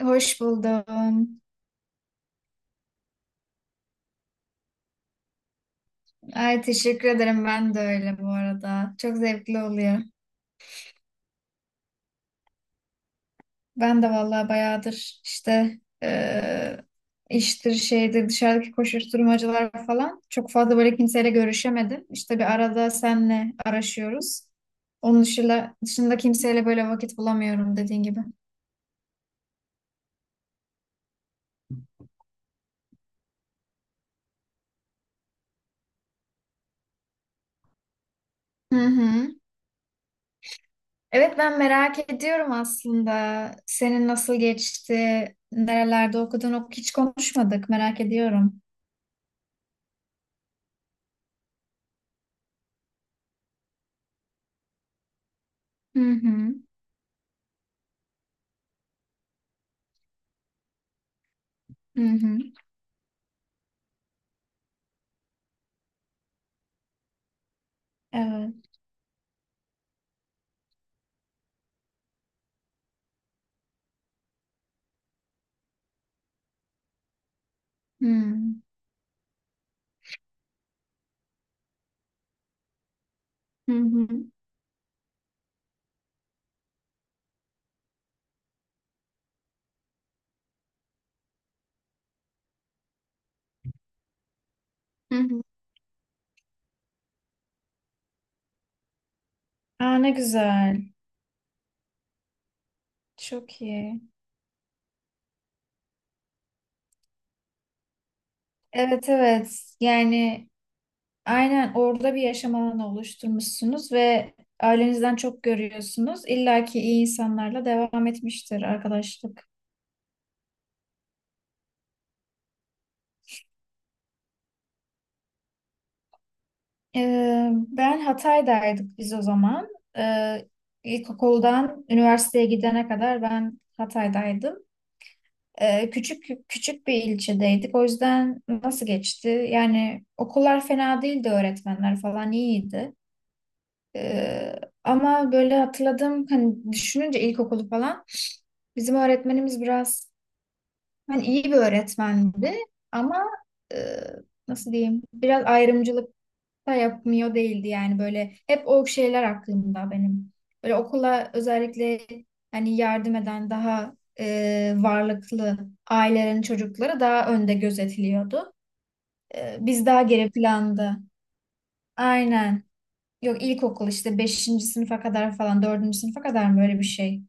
Hoş buldum. Ay teşekkür ederim. Ben de öyle bu arada. Çok zevkli oluyor. Ben de vallahi bayağıdır işte iştir şeydir dışarıdaki koşuşturmacalar falan çok fazla böyle kimseyle görüşemedim. İşte bir arada senle araşıyoruz. Onun dışında kimseyle böyle vakit bulamıyorum dediğin gibi. Hı hı. Evet ben merak ediyorum aslında. Senin nasıl geçti? Nerelerde okudun? Hiç konuşmadık. Merak ediyorum. Hı hı. Hı hı. Evet. Hmm. Hı hı. Hı hı. Aa, ne güzel. Çok iyi. Evet, evet. Yani aynen orada bir yaşam alanı oluşturmuşsunuz ve ailenizden çok görüyorsunuz. İlla ki iyi insanlarla devam etmiştir arkadaşlık. Ben Hatay'daydık biz o zaman. Ee, ilkokuldan üniversiteye gidene kadar ben Hatay'daydım. Küçük küçük bir ilçedeydik. O yüzden nasıl geçti? Yani okullar fena değildi, öğretmenler falan iyiydi. Ee, Ama böyle hatırladım, hani düşününce ilkokulu falan bizim öğretmenimiz biraz hani iyi bir öğretmendi ama e, nasıl diyeyim? Biraz ayrımcılık da yapmıyor değildi, yani böyle hep o şeyler aklımda benim. Böyle okula özellikle hani yardım eden daha varlıklı ailelerin çocukları daha önde gözetiliyordu. E, biz daha geri planda. Aynen. Yok, ilkokul işte beşinci sınıfa kadar falan, dördüncü sınıfa kadar mı, öyle bir şey?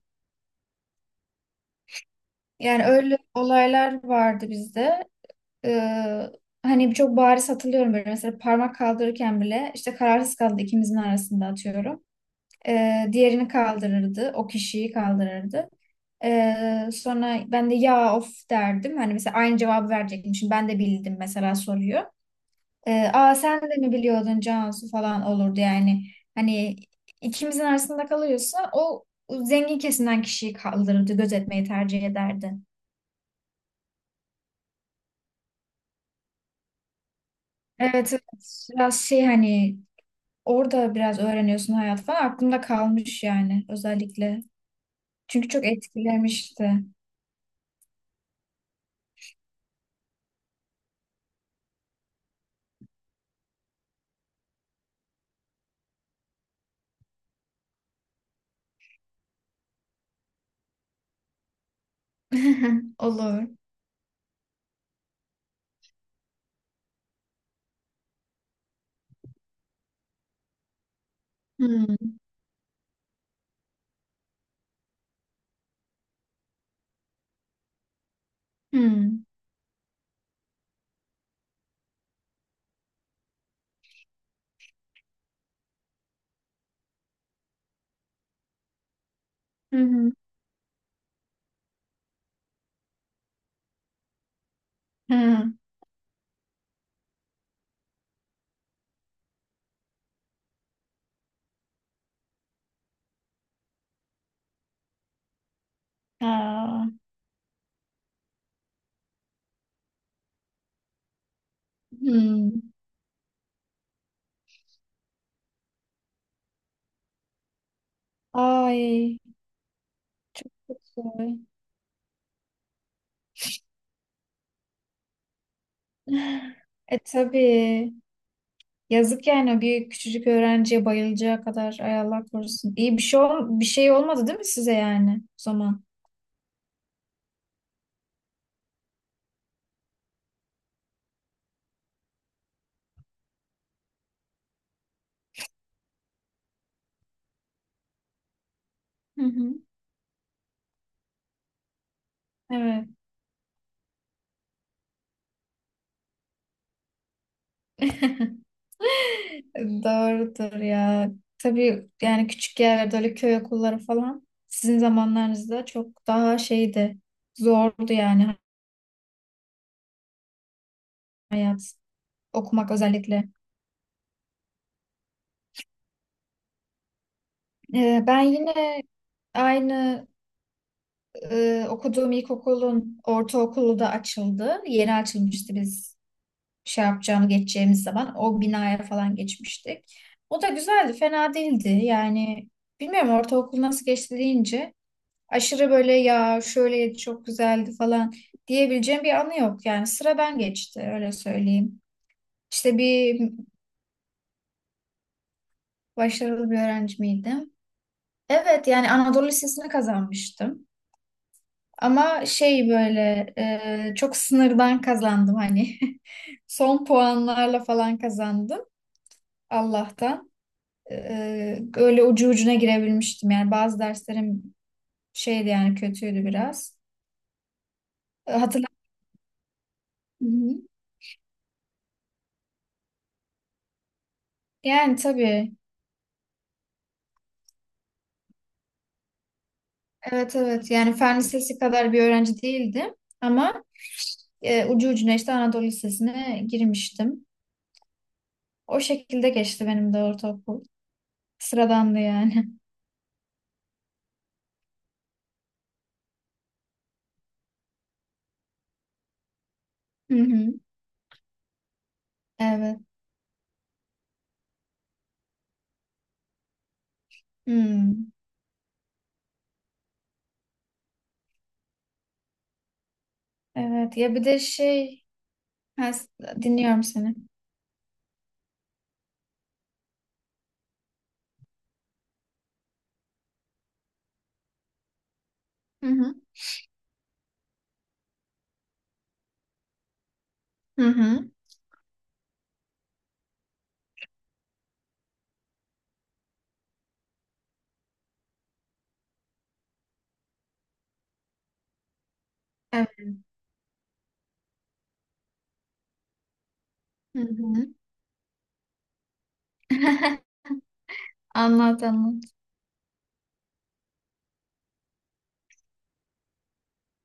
Yani öyle olaylar vardı bizde. E, Hani çok bariz hatırlıyorum, böyle mesela parmak kaldırırken bile işte kararsız kaldı ikimizin arasında atıyorum. Diğerini kaldırırdı. O kişiyi kaldırırdı. Sonra ben de ya of derdim. Hani mesela aynı cevabı verecekmişim. Ben de bildim mesela soruyor. Aa sen de mi biliyordun Cansu falan olurdu yani. Hani ikimizin arasında kalıyorsa o zengin kesimden kişiyi kaldırırdı. Gözetmeyi tercih ederdi. Evet, evet. Biraz şey hani orada biraz öğreniyorsun hayat falan. Aklımda kalmış yani özellikle. Çünkü çok etkilemişti. Olur. Hmm. Hmm. Hmm. Hmm. Ha. Hmm. Ay çok güzel. E tabii. Yazık yani, bir küçücük öğrenciye bayılacağı kadar, ay Allah korusun. İyi bir şey ol, bir şey olmadı değil mi size yani o zaman? Hı hı. Evet. Doğrudur ya. Tabii yani küçük yerlerde öyle köy okulları falan sizin zamanlarınızda çok daha şeydi. Zordu yani hayat, okumak özellikle. Ben yine aynı okuduğum ilkokulun ortaokulu da açıldı. Yeni açılmıştı biz şey yapacağını, geçeceğimiz zaman. O binaya falan geçmiştik. O da güzeldi, fena değildi. Yani bilmiyorum, ortaokul nasıl geçti deyince aşırı böyle ya şöyle çok güzeldi falan diyebileceğim bir anı yok. Yani sıra ben geçti, öyle söyleyeyim. İşte bir başarılı bir öğrenci miydim? Evet yani Anadolu Lisesi'ni kazanmıştım. Ama şey böyle çok sınırdan kazandım hani. Son puanlarla falan kazandım Allah'tan. E, öyle ucu ucuna girebilmiştim. Yani bazı derslerim şeydi yani, kötüydü biraz. E, hatırla- Hı hı. Yani tabii. Evet, evet. Yani fen lisesi kadar bir öğrenci değildim. Ama ucu ucuna işte Anadolu Lisesi'ne girmiştim. O şekilde geçti benim de ortaokul. Sıradandı yani. Hı hı. Evet. Hı. Evet ya bir de şey ha, s- dinliyorum seni. Hı hı. Hı hı. Evet. Hı hı. Anlat, anlat.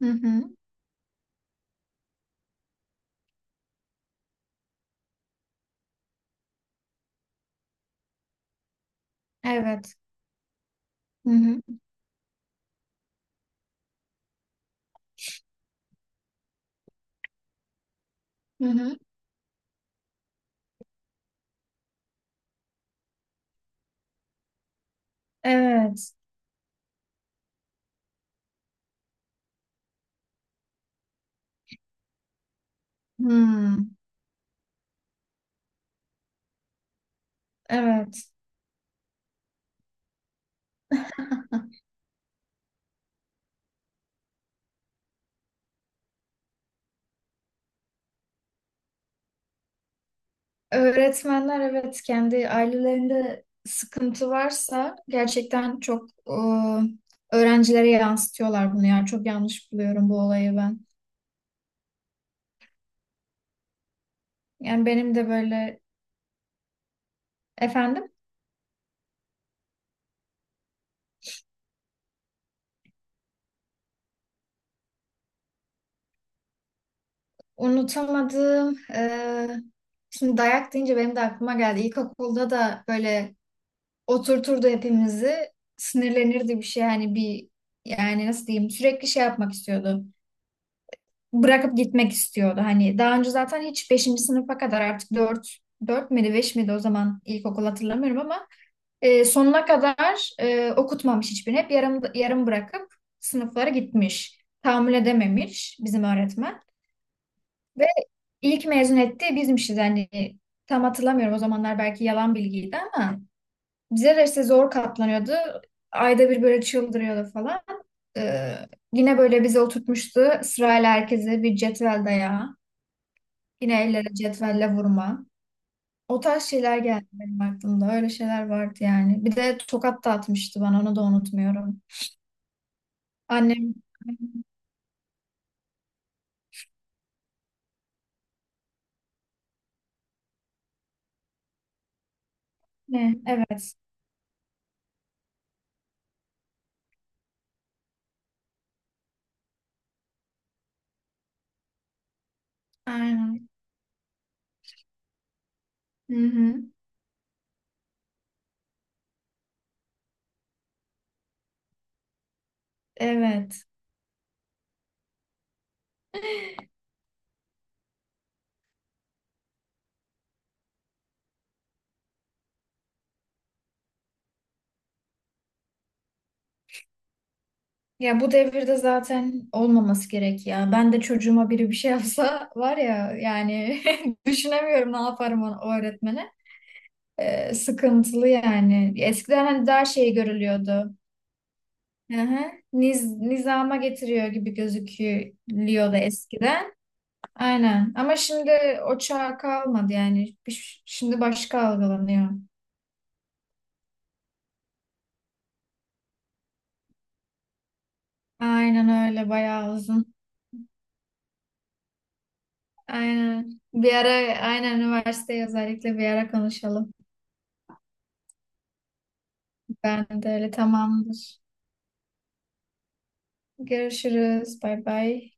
Hı hı. Evet. Hı hı. Hı hı. Evet. Hmm. Evet. Öğretmenler evet kendi ailelerinde sıkıntı varsa gerçekten çok öğrencilere yansıtıyorlar bunu, yani çok yanlış buluyorum bu olayı ben. Yani benim de böyle efendim. Unutamadığım, şimdi dayak deyince benim de aklıma geldi. İlkokulda da böyle oturturdu hepimizi, sinirlenirdi bir şey. Hani bir, yani nasıl diyeyim, sürekli şey yapmak istiyordu. Bırakıp gitmek istiyordu. Hani daha önce zaten hiç beşinci sınıfa kadar artık dört miydi 5 miydi o zaman ilkokul hatırlamıyorum ama sonuna kadar okutmamış hiçbirini. Hep yarım, yarım bırakıp sınıflara gitmiş. Tahammül edememiş bizim öğretmen. İlk mezun etti bizmişiz hani, tam hatırlamıyorum o zamanlar, belki yalan bilgiydi ama bize de işte zor katlanıyordu. Ayda bir böyle çıldırıyordu falan. Ee, Yine böyle bize oturtmuştu sırayla herkese bir cetvel dayağı. Yine ellere cetvelle vurma. O tarz şeyler geldi benim aklımda. Öyle şeyler vardı yani. Bir de tokat da atmıştı bana, onu da unutmuyorum. Annem ne? Evet. Aynen. Hı hı. Evet. Ya bu devirde zaten olmaması gerek ya. Ben de çocuğuma biri bir şey yapsa var ya yani düşünemiyorum ne yaparım o öğretmene. Sıkıntılı yani. Eskiden hani daha şey görülüyordu. Hı hı. Niz, nizama getiriyor gibi gözüküyordu eskiden. Aynen. Ama şimdi o çağ kalmadı yani. Bir- şimdi başka algılanıyor. Aynen öyle, bayağı uzun. Aynen. Bir ara, aynen üniversiteye özellikle bir ara konuşalım. Ben de öyle, tamamdır. Görüşürüz. Bay bay.